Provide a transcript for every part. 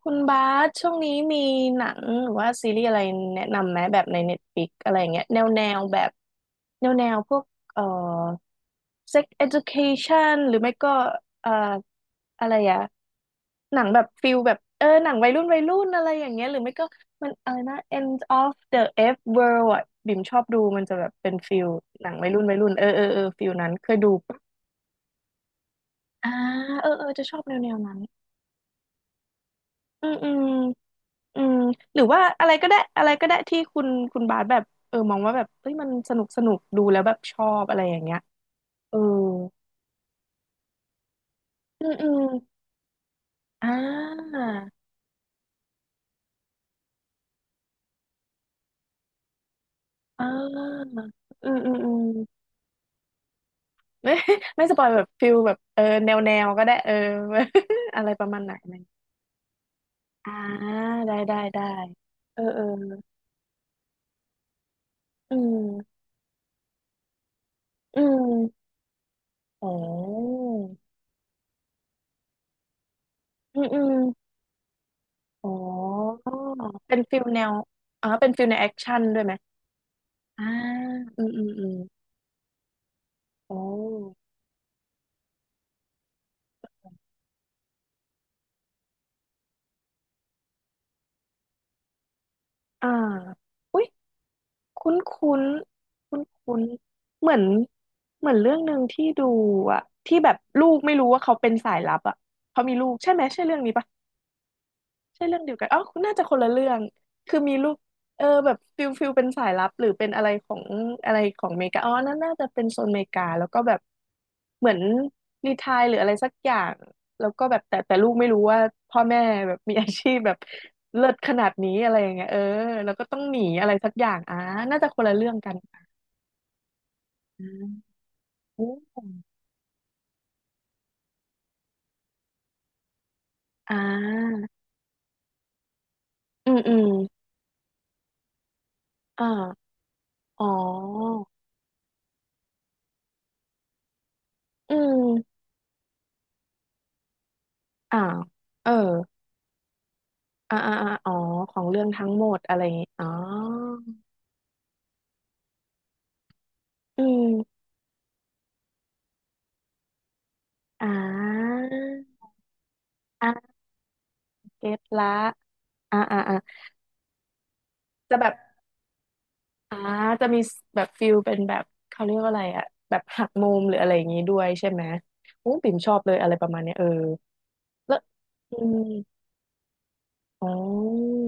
คุณบาสช่วงนี้มีหนังหรือว่าซีรีส์อะไรแนะนำไหมแบบใน Netflix อะไรอย่างเงี้ยแนวแนวแบบแนวแนวพวกเอ่อ Sex Education หรือไม่ก็เอ่ออะไรอะหนังแบบฟิลแบบเออหนังวัยรุ่นวัยรุ่นอะไรอย่างเงี้ยหรือไม่ก็มันอะไรนะ End of the F World อะบิ่มชอบดูมันจะแบบเป็นฟิลหนังวัยรุ่นวัยรุ่นเออเออเออฟิลนั้นเคยดูปะอ่าเออเออจะชอบแนวแนวนั้นอืมอืม อืมหรือว่าอะไรก็ได้อะไรก็ได้ที่คุณคุณบาสแบบเออมองว่าแบบเฮ้ยมันสนุกสนุกดูแล้วแบบชอบอะไรอย่างเงี้ยเอออืมอืมอ่าอ่าอืมอืมอืม ไม่ไม่สปอยแบบฟิลแบบเออแนวแนวก็ได้เออ อะไรประมาณไหนอะไหมอ่าได้ได้ได้เออเอออืมอืมโอ้อืมอืมอ๋อเป็นฟิลแนวอ๋อเป็นฟิลแนวแอคชั่นด้วยไหม อ่าอืมอืมอืมโอ้อ่าอุ้ยคุ้นคุ้นคุ้นคุ้นๆเหมือนเหมือนเรื่องหนึ่งที่ดูอะที่แบบลูกไม่รู้ว่าเขาเป็นสายลับอะเขามีลูกใช่ไหม ใช่เรื่องนี้ปะ ใช่เรื่องเดียวกันอ๋อน่าจะคนละเรื่องคือมีลูกเออแบบฟิลฟิลเป็นสายลับหรือเป็นอะไรของอะไรของอเมริกาอ๋อนั่นน่าจะเป็นโซนอเมริกาแล้วก็แบบเหมือนรีไทร์หรืออะไรสักอย่างแล้วก็แบบแต่แต่ลูกไม่รู้ว่าพ่อแม่แบบมีอาชีพแบบเลิศขนาดนี้อะไรอย่างเงี้ยเออแล้วก็ต้องหนีอะไรสักอย่างอ่าน่าจะคนละเรื่องกันอืมโอ้อ่าอืมอืมอ่าอ๋ออืมอ่าเออ อ่าอ่าอาอ๋อของเรื่องทั้งหมดอะไรอย่างงี้อ๋ออืมอ่าอ่าเก็ตละอ่าอ่าอ่าจะแบบอ่าจะมีแบบฟิลเป็นแบบเขาเรียกว่าอะไรอะแบบหักมุมหรืออะไรอย่างงี้ด้วยใช่ไหมโอ้ปิ่มชอบเลยอะไรประมาณเนี้ยเออแล้วอืมอ๋อ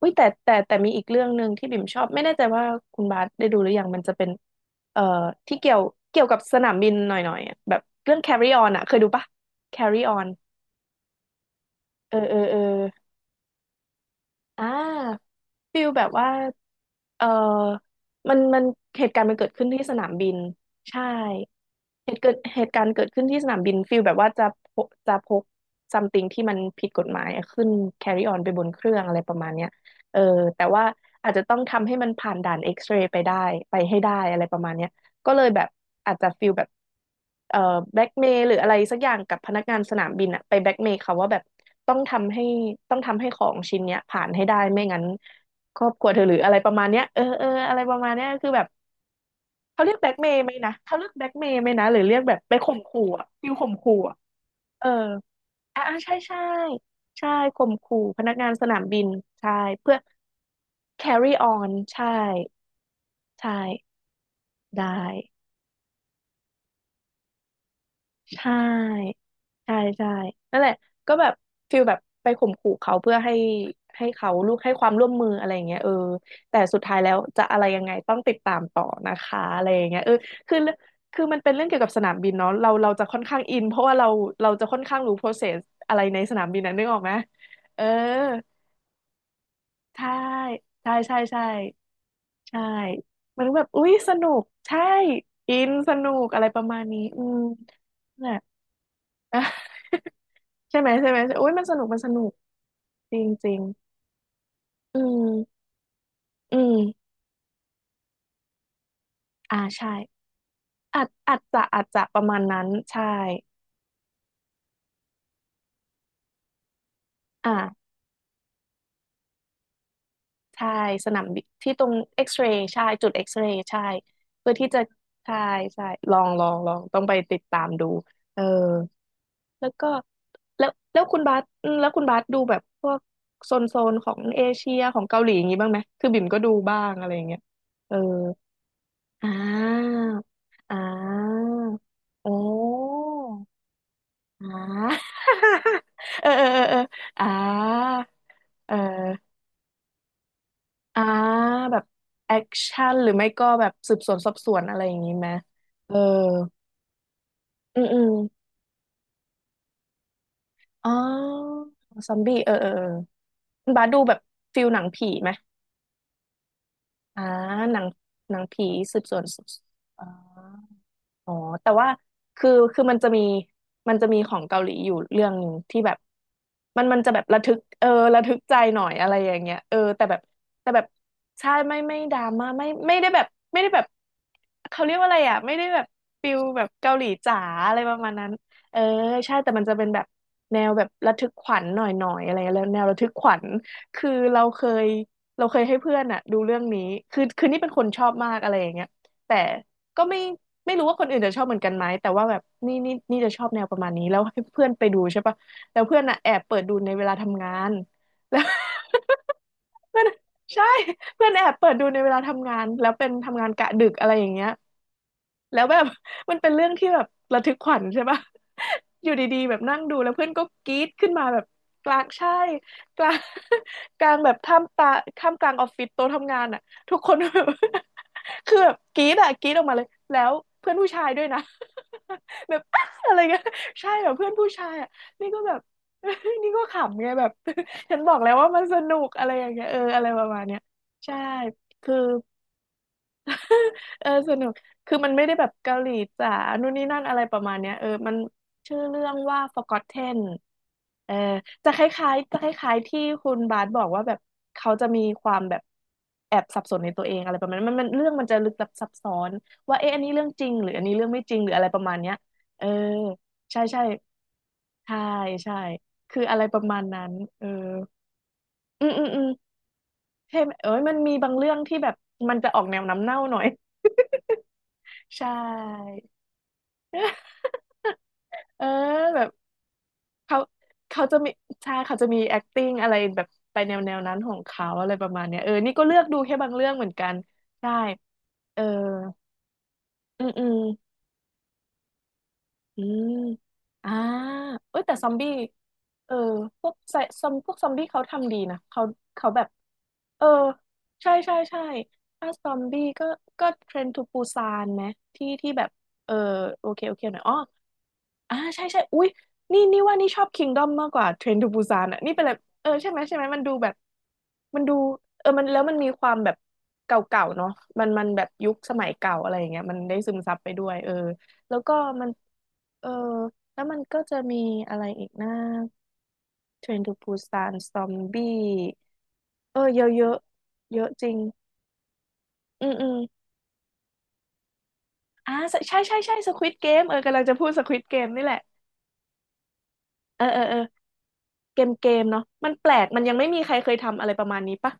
อุ้ยแต่แต่แต่มีอีกเรื่องหนึ่งที่บิ่มชอบไม่แน่ใจว่าคุณบาสได้ดูหรือยังมันจะเป็นเอ่อที่เกี่ยวเกี่ยวกับสนามบินหน่อยๆอะแบบเรื่อง Carry On อะเคยดูปะ Carry On เออเออเอออ่าฟิลแบบว่า เออมันมันเหตุการณ์มันเกิดขึ้นที่สนามบิน ใช่ เหตุเกิดเหตุการณ์เกิดขึ้นที่สนามบินฟิลแบบว่าจะพกจะพกซัมติงที่มันผิดกฎหมายอะขึ้น carry on ไปบนเครื่องอะไรประมาณเนี้ยเออแต่ว่าอาจจะต้องทำให้มันผ่านด่านเอ็กซเรย์ไปได้ไปให้ได้อะไรประมาณเนี้ยก็เลยแบบอาจจะฟิลแบบเอ่อแบ็กเมย์หรืออะไรสักอย่างกับพนักงานสนามบินอะไปแบ็กเมย์เขาว่าแบบต้องทำให้ต้องทำให้ของชิ้นเนี้ยผ่านให้ได้ไม่งั้นครอบครัวเธอหรืออะไรประมาณเนี้ยเออเอออะไรประมาณเนี้ยคือแบบ เขาเรียกแบ็กเมย์ไหมนะ เขาเรียกแบ็กเมย์ไหมนะหรือเรียกแบบไปข่มขู่อะฟิลข่มขู่อะเออ อ่าใช่ใช่ใช่ข่มขู่ พนักงานสนามบิน ใช่ เพื่อ carry on ใช่ใช่ได้ ใช่ใช่ใช่นั่นแหละก็แบบฟิลแบบไปข่มขู่เขาเพื่อให้ให้เขาลูกให้ความร่วมมืออะไรอย่างเงี้ยเออแต่สุดท้ายแล้วจะอะไรยังไงต้องติดตามต่อนะคะอะไรอย่างเงี้ยเออคือคือมันเป็นเรื่องเกี่ยวกับสนามบินเนาะเราเราจะค่อนข้างอินเพราะว่าเราเราจะค่อนข้างรู้ process อะไรในสนามบินนั้นนึกออกไหมเออใช่ใช่ใช่ใช่ใช่มันแบบอุ๊ยสนุกใช่อินสนุกอะไรประมาณนี้อืมนั่นแหละ ใช่ไหมใช่ไหมโอ้ยมันสนุกมันสนุกจริงจริงอืมอืมอ่าใช่อาจอาจจะอาจจะประมาณนั้นใช่อ่าใช่สนามบินที่ตรงเอ็กซเรย์ใช่จุดเอ็กซเรย์ใช่เพื่อที่จะใช่ใช่ลองลองลองต้องไปติดตามดูเออแล้วก็แล้วแล้วคุณบาสอืมแล้วคุณบาสดูแบบพวกโซนโซนของเอเชียของเกาหลีอย่างนี้บ้างไหมคือบิ่มก็ดูบ้างอะไรอย่างเงี้ยเออ อ่าอ่าโอ้อ่า เออเออเออเอออ่าเอออ่าแบบแอคชั่นหรือไม่ก็แบบสืบสวนสอบสวนอะไรอย่างนี้ไหมเอออืมอืมอ๋อซอมบี้เออเออเออคุณบาสดูแบบฟิลหนังผีไหมอ่าหนังหนังผีสืบสวนสอบสวนอ๋อ อ๋อแต่ว่าคือมันจะมีมันจะมีของเกาหลีอยู่เรื่องหนึ่งที่แบบมันจะแบบระทึกเออระทึกใจหน่อยอะไรอย่างเงี้ยเออแต่แบบแต่แบบใช่ไม่ดราม่าไม่ได้แบบไม่ได้แบบเขาเรียกว่าอะไรอ่ะไม่ได้แบบฟิลแบบเกาหลีจ๋าอะไรประมาณนั้นเออใช่แต่มันจะเป็นแบบแนวแบบระทึกขวัญหน่อยหน่อยอะไรเงี้ยแล้วแนวระทึกขวัญคือยเราเคยให้เพื่อนอ่ะดูเรื่องนี้คือนี่เป็นคนชอบมากอะไรอย่างเงี้ยแต่ ก็ไม่รู้ว่าคนอื่นจะชอบเหมือนกันไหมแต่ว่าแบบนี่จะชอบแนวประมาณนี้แล้วให้เพื่อนไปดูใช่ปะแล้วเพื่อนอ่ะแอบเปิดดูในเวลาทำงานแล้ว เพื่อนใช่เพื่อนแอบเปิดดูในเวลาทำงานแล้วเป็นทำงานกะดึกอะไรอย่างเงี้ย แล้วแบบ มันเป็นเรื่องที่แบบระทึกขวัญใช่ปะ อยู่ดีๆแบบนั่งดูแล้วเพื่อนก็กรี๊ดขึ้นมาแบบกลางใช่กลาง กลางแบบท่ามกลางออฟฟิศโต๊ะทำงานอ่ะทุกคนแบบ คือแบบกรี๊ดอ่ะกรี๊ดออกมาเลยแล้วเพื่อนผู้ชายด้วยนะ แบบ อะไรเงี้ยใช่แบบเพื่อนผู้ชายอ่ะนี่ก็แบบ นี่ก็ขำไงแบบ ฉันบอกแล้วว่ามันสนุกอะไรอย่างเงี้ยเอออะไรประมาณเนี้ยใช่คือ เออสนุกคือมันไม่ได้แบบเกาหลีจ๋านู่นนี่นั่นอะไรประมาณเนี้ยเออมันชื่อเรื่องว่า Forgotten เออจะคล้ายๆจะคล้ายๆที่คุณบาสบอกว่าแบบเขาจะมีความแบบแอบสับสนในตัวเองอะไรประมาณนั้นมันเรื่องมันจะลึกลับซับซ้อนว่าเอ๊ะอันนี้เรื่องจริงหรืออันนี้เรื่องไม่จริงหรืออะไรประมาณเนี้ยเออใช่ใช่ใช่ใช่คืออะไรประมาณนั้นเอออืมอืมอืมใช่ไหมเอ้ยมันมีบางเรื่องที่แบบมันจะออกแนวน้ำเน่าหน่อย ใช่ เออแบบเขาเขาจะมีใช่เขาจะมี acting อะไรแบบไปแนวนั้นของเขาอะไรประมาณเนี้ยเออนี่ก็เลือกดูแค่บางเรื่องเหมือนกันใช่เอออืมอืมอืมอ่าเอ้ยแต่ซอมบี้เออพวกไซพวกซอมบี้เขาทำดีนะเขาเขาแบบเออใช่ใช่ใช่ถ้าซอมบี้ก็เทรนทูปูซานไหมที่แบบเออโอเคโอเคหน่อยอ๋อ อ่าใช่ใช่อุ๊ยนี่ว่านี่ชอบ Kingdom มากกว่า Train to Busan อ่ะนี่เป็นอะไรเออใช่ไหมใช่ไหมมันดูแบบมันดูเออมันแล้วมันมีความแบบเก่าๆเนาะมันแบบยุคสมัยเก่าอะไรอย่างเงี้ยมันได้ซึมซับไปด้วยเออแล้วก็มันเออแล้วมันก็จะมีอะไรอีกนะ Train to Busan อมบี้เออเยอะเยอะเยอะจริงอืมอืมอ่าใช่ใช่ใช่ Squid Game เออกำลังจะพูด Squid Game นี่แหละเออเออเออ เกมเนาะมันแปลกมันยังไม่มีใครเคยทำอะไรประมาณนี้ปะ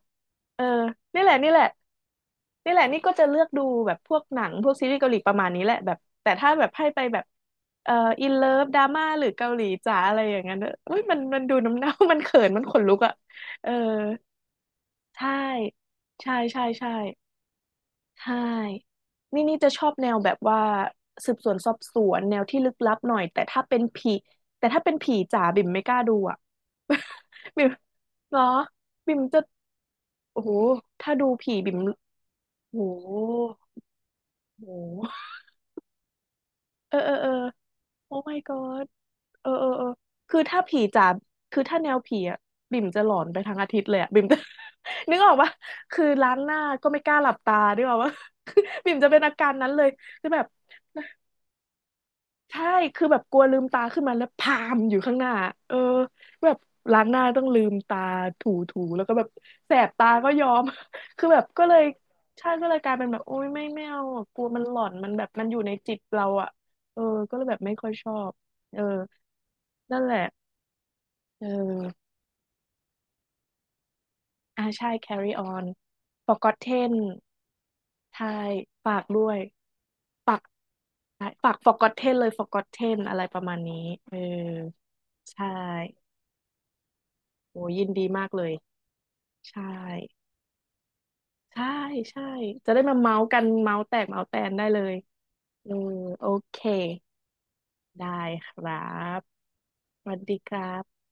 เออนี่แหละนี่แหละนี่แหละนี่ก็จะเลือกดูแบบพวกหนังพวกซีรีส์เกาหลีประมาณนี้แหละแบบแต่ถ้าแบบให้ไปแบบเอ่ออินเลิฟดราม่าหรือเกาหลีจ๋าอะไรอย่างนั้นเนอะอุ้ยมันดูน้ำเน่า มันเขินมันขนลุกอ่ะเออใช่ใช่ใช่ใช่ ใช่ นี่จะชอบแนวแบบว่าสืบสวนสอบสวนแนวที่ลึกลับหน่อยแต่ถ้าเป็นผีแต่ถ้าเป็นผีจ๋าบิ่มไม่กล้าดูอ่ะ บิ่มเหรอบิ่มจะโอ้โหถ้าดูผีบิ่มโอ้โหโอ้โหเออเออเออโอ้ my god เออเออเออคือถ้าผีจ๋าคือถ้าแนวผีอ่ะบิ่มจะหลอนไปทั้งอาทิตย์เลยอ่ะบิ่มจะ นึกออกปะคือล้างหน้าก็ไม่กล้าหลับตานึกออกปะคือบิ่มจะเป็นอาการนั้นเลยคือแบบ ใช่ คือแบบกลัวลืมตาขึ้นมาแล้วพามอยู่ข้างหน้า เออแบบล้างหน้าต้องลืมตาถูแล้วก็แบบแสบตาก็ยอม คือแบบก็เลยใช่ก็เลยกลายเป็นแบบโอ้ยไม่เอาอะกลัวมันหลอนมันแบบมันอยู่ในจิตเราอ่ะเออ ก็เลยแบบไม่ค่อยชอบ เออ นั่นแหละ เอออ่าใช่ carry on forgotten ใช่ฝากด้วยใช่ฝาก forgotten เลย forgotten อะไรประมาณนี้เออใช่โอ้ยินดีมากเลยใช่ ใช่ใช่จะได้มาเมาส์กันเมาส์แตกเมาส์แตนได้เลยเออโอเคได้ครับสวัสดีครับ